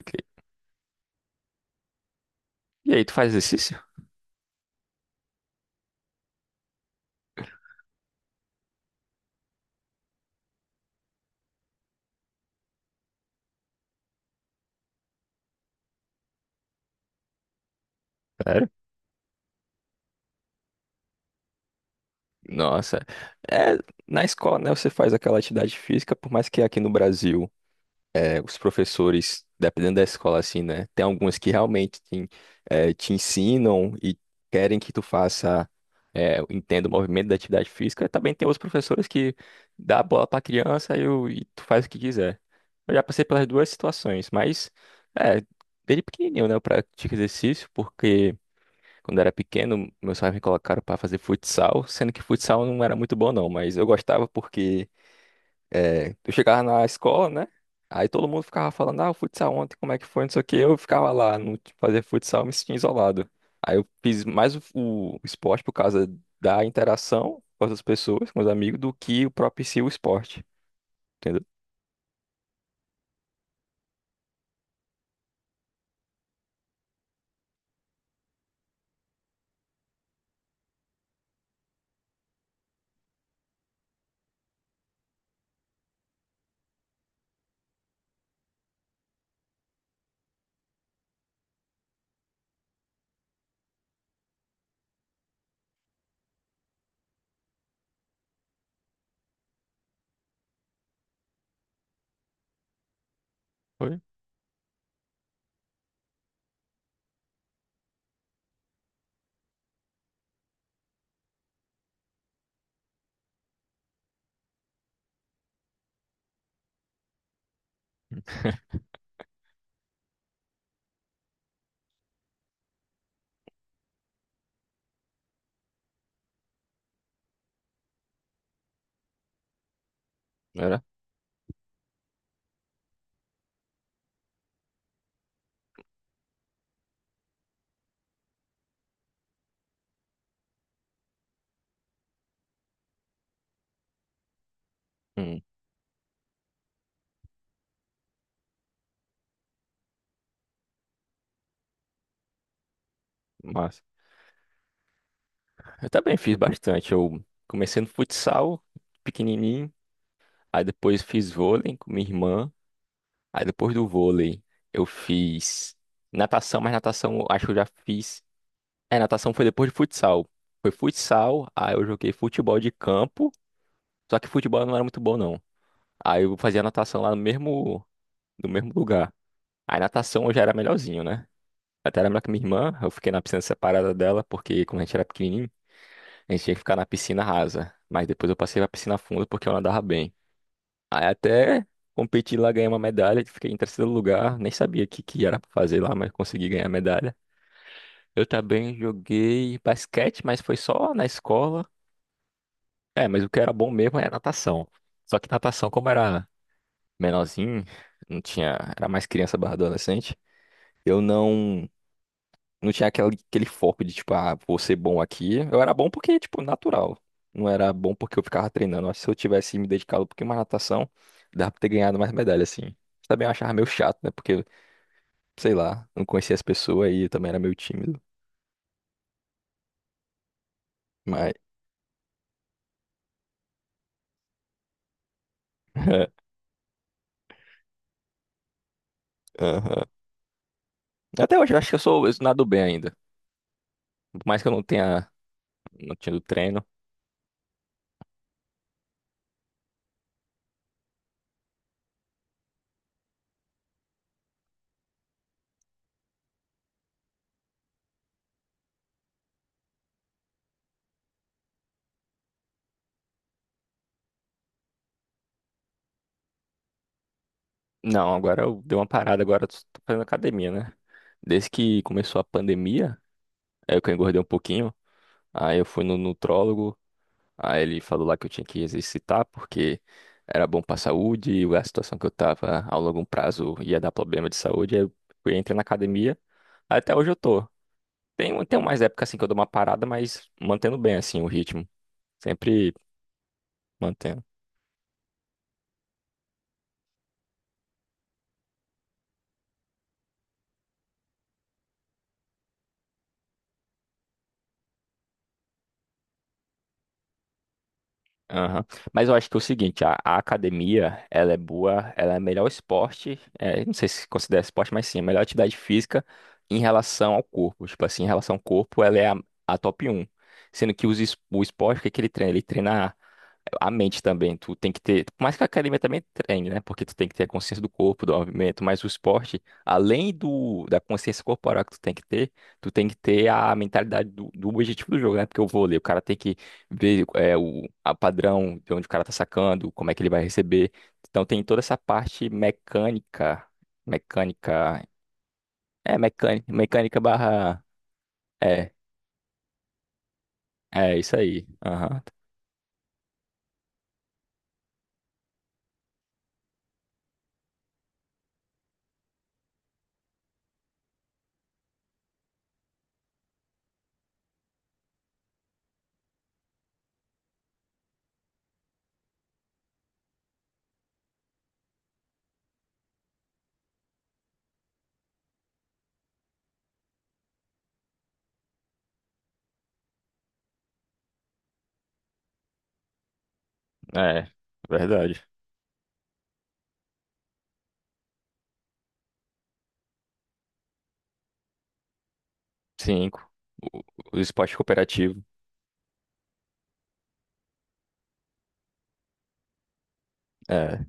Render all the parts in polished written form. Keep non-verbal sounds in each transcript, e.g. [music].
Ok. E aí, tu faz exercício? Sério? Nossa. É, Na escola, né, você faz aquela atividade física, por mais que aqui no Brasil, os professores, dependendo da escola, assim, né, tem algumas que realmente te ensinam e querem que tu faça, entenda o movimento da atividade física. E também tem outros professores que dá a bola pra criança e e tu faz o que quiser. Eu já passei pelas duas situações, mas, é, desde pequenininho, né, eu pratico exercício porque. Quando eu era pequeno, meus pais me colocaram para fazer futsal, sendo que futsal não era muito bom não, mas eu gostava porque eu chegava na escola, né? Aí todo mundo ficava falando, ah, o futsal ontem, como é que foi, não sei o quê. Eu ficava lá, não fazia futsal, me sentia isolado. Aí eu fiz mais o esporte por causa da interação com as pessoas, com os amigos, do que o próprio em si o esporte, entendeu? Foi? [laughs] Era? Hum, massa. Eu também fiz bastante. Eu comecei no futsal, pequenininho. Aí depois fiz vôlei com minha irmã. Aí depois do vôlei eu fiz natação, mas natação eu acho que eu já fiz. É, natação foi depois de futsal. Foi futsal, aí eu joguei futebol de campo. Só que futebol eu não era muito bom, não. Aí eu fazia natação lá no mesmo, no mesmo lugar. Aí natação eu já era melhorzinho, né? Até era melhor que minha irmã, eu fiquei na piscina separada dela, porque quando a gente era pequenininho, a gente tinha que ficar na piscina rasa. Mas depois eu passei pra piscina funda porque eu nadava bem. Aí até competi lá, ganhei uma medalha, fiquei em terceiro lugar, nem sabia o que era pra fazer lá, mas consegui ganhar a medalha. Eu também joguei basquete, mas foi só na escola. É, mas o que era bom mesmo era natação. Só que natação, como era menorzinho, não tinha, era mais criança barra adolescente, eu não. Não tinha aquele foco de, tipo, ah, vou ser bom aqui. Eu era bom porque, tipo, natural. Não era bom porque eu ficava treinando. Acho que se eu tivesse me dedicado um pouquinho mais à natação, dava pra ter ganhado mais medalha, assim. Também eu achava meio chato, né? Porque, sei lá, não conhecia as pessoas e eu também era meio tímido. Mas, [laughs] aham. Até hoje eu acho que eu sou, eu nado bem ainda. Por mais que eu não tenha, não tinha do treino. Não, agora eu dei uma parada, agora eu tô fazendo academia, né? Desde que começou a pandemia, aí eu que engordei um pouquinho. Aí eu fui no nutrólogo. Aí ele falou lá que eu tinha que exercitar porque era bom pra saúde e a situação que eu tava a longo prazo ia dar problema de saúde. Aí eu fui, entrei na academia. Até hoje eu tô. Tem umas épocas assim que eu dou uma parada, mas mantendo bem assim o ritmo. Sempre mantendo. Aham. Mas eu acho que é o seguinte, a academia, ela é boa, ela é melhor esporte, é, não sei se considera esporte, mas sim, a melhor atividade física em relação ao corpo. Tipo assim, em relação ao corpo, ela é a top um. Sendo que o esporte, o que que ele treina? Ele treina a mente também, tu tem que ter, por mais que a academia também treine, né? Porque tu tem que ter a consciência do corpo, do movimento, mas o esporte, além do da consciência corporal que tu tem que ter, tu tem que ter a mentalidade do objetivo do jogo, né? Porque o vôlei, o cara tem que ver é, o a padrão de onde o cara tá sacando, como é que ele vai receber. Então tem toda essa parte mecânica, mecânica barra, é, é isso aí. Aham. É, verdade. Cinco. O, o esporte cooperativo. É.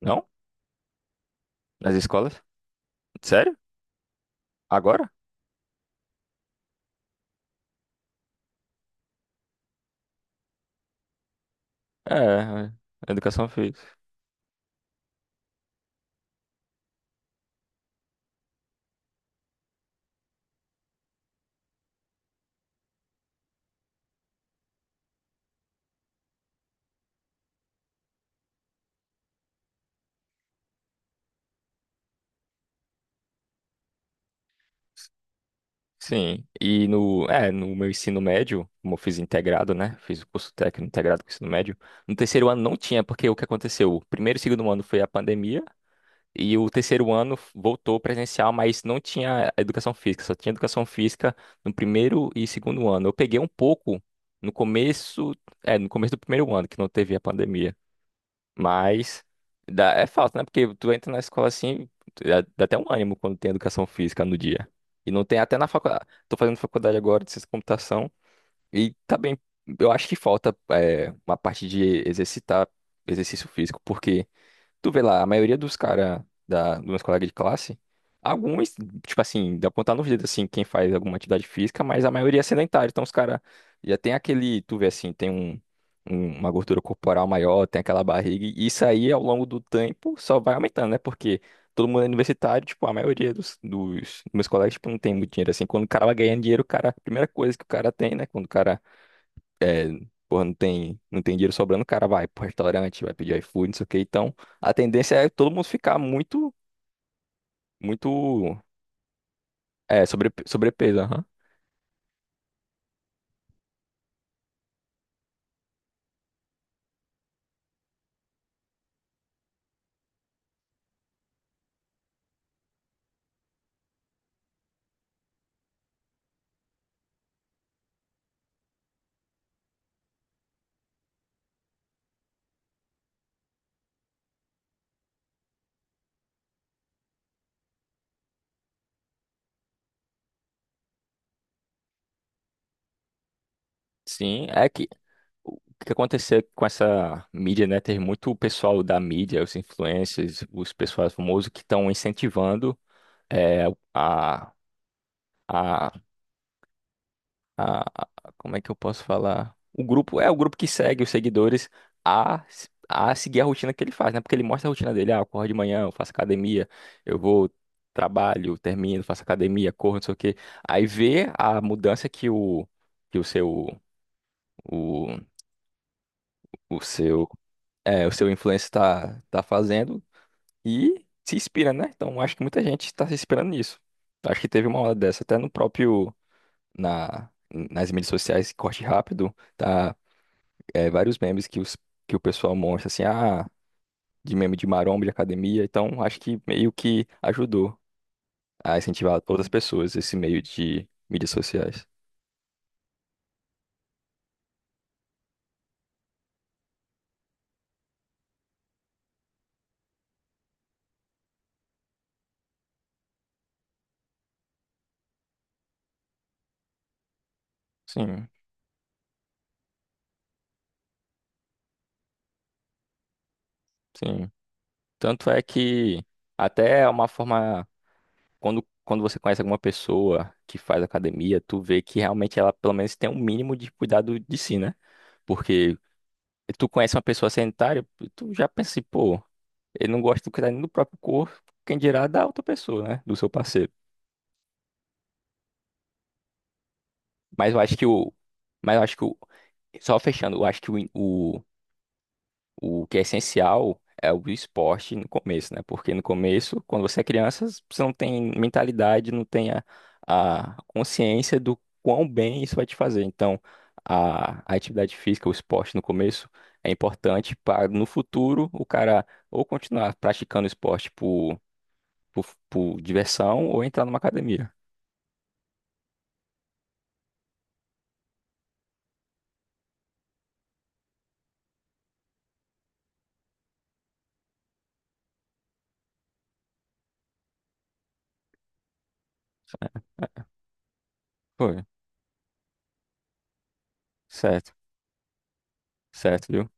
Não? Nas escolas? Sério? Agora? É, é. Educação física. Sim. E no meu ensino médio, como eu fiz integrado, né? Fiz o curso técnico integrado com o ensino médio. No terceiro ano não tinha, porque o que aconteceu? O primeiro e segundo ano foi a pandemia, e o terceiro ano voltou presencial, mas não tinha educação física, só tinha educação física no primeiro e segundo ano. Eu peguei um pouco no começo, no começo do primeiro ano, que não teve a pandemia. Mas dá, é falta, né? Porque tu entra na escola assim, dá, dá até um ânimo quando tem educação física no dia. E não tem até na faculdade. Tô fazendo faculdade agora de ciência da computação e tá bem. Eu acho que falta é, uma parte de exercitar exercício físico, porque tu vê lá, a maioria dos caras, dos meus colegas de classe, alguns, tipo assim, dá pra contar nos dedos, assim, quem faz alguma atividade física, mas a maioria é sedentária. Então os caras já tem aquele, tu vê assim, tem uma gordura corporal maior, tem aquela barriga, e isso aí ao longo do tempo só vai aumentando, né? Porque todo mundo é universitário, tipo, a maioria dos meus colegas, tipo, não tem muito dinheiro, assim. Quando o cara vai ganhando dinheiro, o cara, a primeira coisa que o cara tem, né? Quando o cara é, porra, não tem dinheiro sobrando, o cara vai pro restaurante, vai pedir iFood, não sei o quê. Então, a tendência é todo mundo ficar muito sobrepeso, aham. Sim, é que o que aconteceu com essa mídia, né? Tem muito pessoal da mídia, os influencers, os pessoal famosos que estão incentivando é, a, a a, a- como é que eu posso falar? O grupo é o grupo que segue os seguidores a seguir a rotina que ele faz, né? Porque ele mostra a rotina dele, ah, eu corro de manhã, eu faço academia, eu vou, trabalho, termino, faço academia, corro, não sei o quê. Aí vê a mudança que que o seu o, o seu é, o seu influencer tá fazendo e se inspira, né? Então acho que muita gente está se inspirando nisso. Acho que teve uma hora dessa, até no próprio nas mídias sociais, corte rápido, tá é, vários memes que, os, que o pessoal mostra, assim, ah, de meme de maromba, de academia. Então, acho que meio que ajudou a incentivar outras pessoas esse meio de mídias sociais. Sim, sim. Tanto é que até é uma forma, quando você conhece alguma pessoa que faz academia, tu vê que realmente ela pelo menos tem um mínimo de cuidado de si, né? Porque tu conhece uma pessoa sedentária, tu já pensa assim, pô, ele não gosta de cuidar nem do próprio corpo, quem dirá da outra pessoa, né? Do seu parceiro. Mas eu acho que o. Mas eu acho que o. Só fechando, eu acho que o que é essencial é o esporte no começo, né? Porque no começo, quando você é criança, você não tem mentalidade, não tem a consciência do quão bem isso vai te fazer. Então, a atividade física, o esporte no começo é importante para no futuro o cara ou continuar praticando esporte por diversão ou entrar numa academia. Né? Foi, certo, certo, viu?